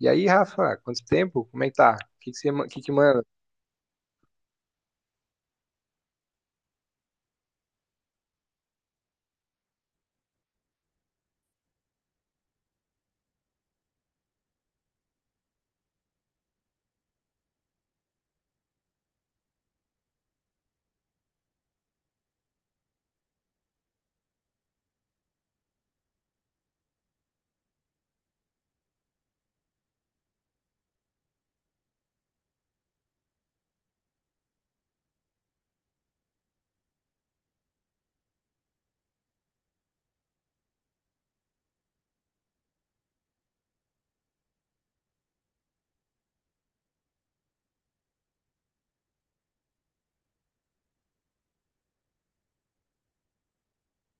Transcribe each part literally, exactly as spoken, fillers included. E aí, Rafa, quanto tempo? Como é que tá? O que que você, ma- que que manda?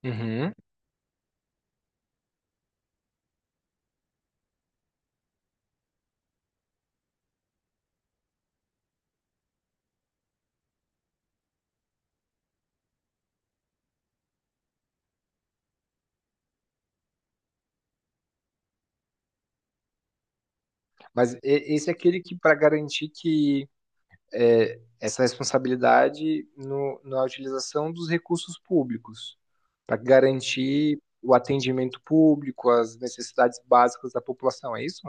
Uhum. Mas e- esse é aquele que, para garantir que é, essa responsabilidade no, na utilização dos recursos públicos, para garantir o atendimento público, as necessidades básicas da população, é isso?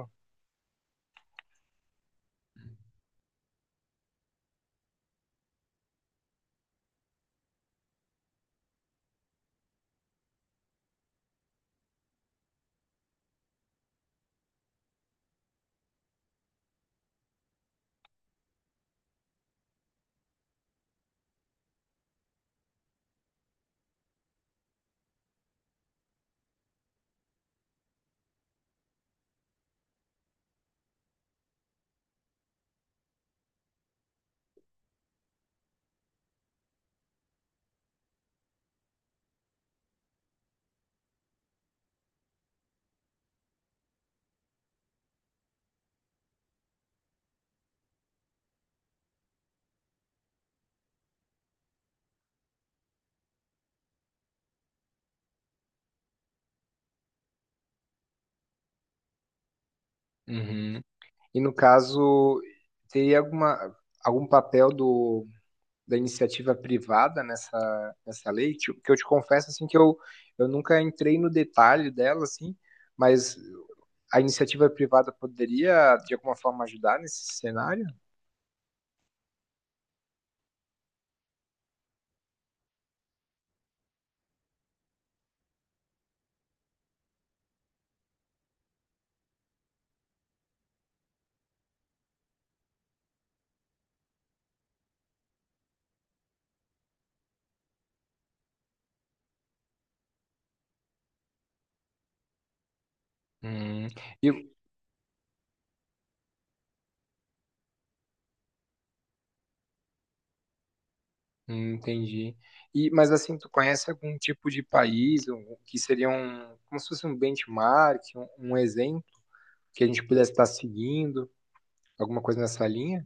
Uhum. E no caso, teria alguma, algum papel do da iniciativa privada nessa, nessa lei, tipo, que eu te confesso assim que eu, eu nunca entrei no detalhe dela, assim, mas a iniciativa privada poderia de alguma forma ajudar nesse cenário? Hum, eu, hum, entendi. E, mas assim, tu conhece algum tipo de país um- um, que seria um, como se fosse um benchmark, um, um exemplo que a gente pudesse estar seguindo, alguma coisa nessa linha?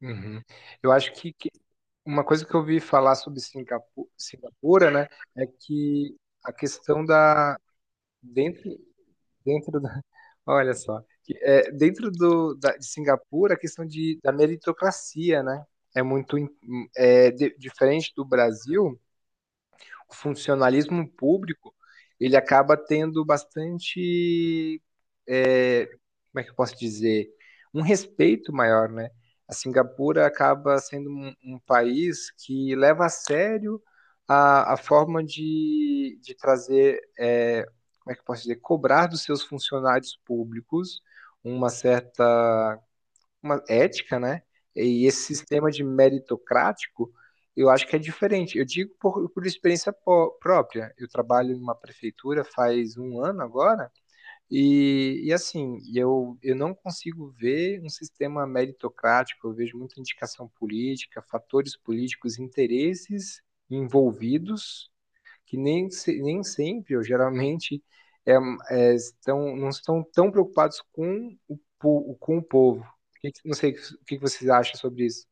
Uhum. Eu acho que, que Uma coisa que eu ouvi falar sobre Singapu- Singapura, né, é que a questão da dentro dentro da, olha só, que, é, dentro do da, de Singapura a questão de da meritocracia, né, é muito im- é, di- diferente do Brasil. O funcionalismo público ele acaba tendo bastante, como é que eu posso dizer, um respeito maior, né? A Singapura acaba sendo um, um país que leva a sério a, a forma de, de trazer, é, como é que eu posso dizer, cobrar dos seus funcionários públicos uma certa uma ética, né? E esse sistema de meritocrático, eu acho que é diferente. Eu digo por, por experiência pró- própria. Eu trabalho numa prefeitura faz um ano agora, e, e assim, eu, eu não consigo ver um sistema meritocrático, eu vejo muita indicação política, fatores políticos, interesses envolvidos, que nem, se- nem sempre, ou geralmente, é, é, estão, não estão tão preocupados com o, po- com o povo. O que que- Não sei o que que vocês acham sobre isso.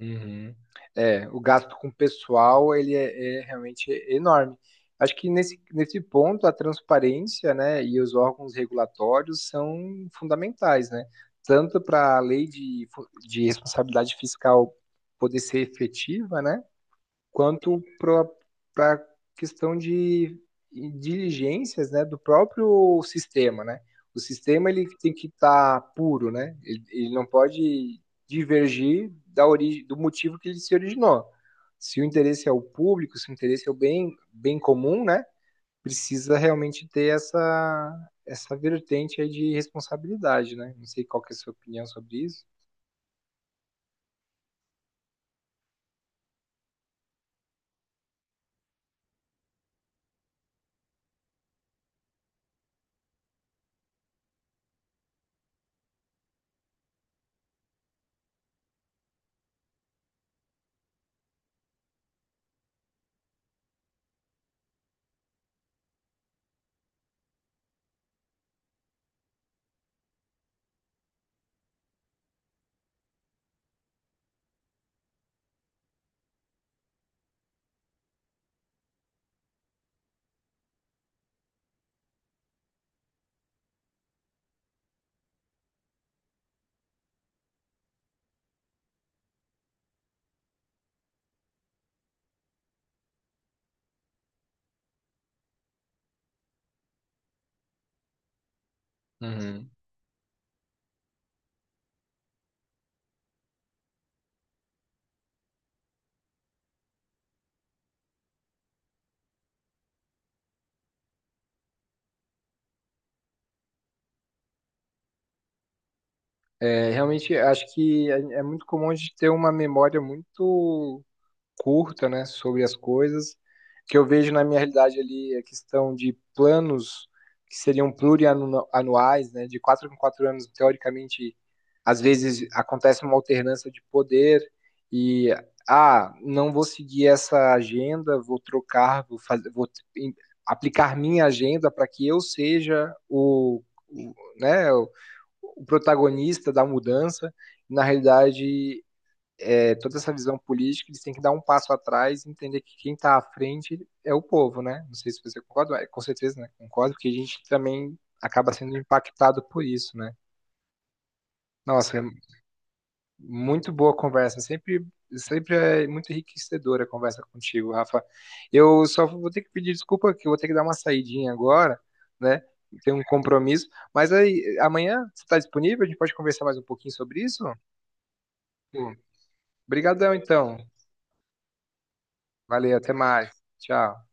Uhum. É, o gasto com pessoal, ele é, é realmente enorme. Acho que nesse, nesse ponto, a transparência, né, e os órgãos regulatórios são fundamentais, né? Tanto para a lei de, fu- de responsabilidade fiscal poder ser efetiva, né? Quanto para a questão de diligências, né, do próprio sistema, né? O sistema ele tem que estar tá puro, né? Ele, ele, não pode divergir da origem, do motivo que ele se originou. Se o interesse é o público, se o interesse é o bem, bem comum, né? Precisa realmente ter essa, essa vertente aí de responsabilidade, né? Não sei qual que é a sua opinião sobre isso. Uhum. É, realmente, acho que é é muito comum a gente ter uma memória muito curta, né, sobre as coisas. O que eu vejo na minha realidade ali é a questão de planos que seriam plurianuais, né, de quatro em quatro anos, teoricamente, às vezes acontece uma alternância de poder e, ah, não vou seguir essa agenda, vou trocar, vou fazer, vou em- aplicar minha agenda para que eu seja o, o, né, o protagonista da mudança. Na realidade, é, toda essa visão política, eles têm que dar um passo atrás e entender que quem está à frente é o povo, né? Não sei se você concorda, mas com certeza né? Concordo, porque a gente também acaba sendo impactado por isso, né? Nossa, é muito boa a conversa, sempre sempre é muito enriquecedora a conversa contigo, Rafa. Eu só vou ter que pedir desculpa que eu vou ter que dar uma saidinha agora, né? Tem um compromisso, mas aí amanhã você está disponível? A gente pode conversar mais um pouquinho sobre isso? Pô, obrigadão, então. Valeu, até mais. Tchau.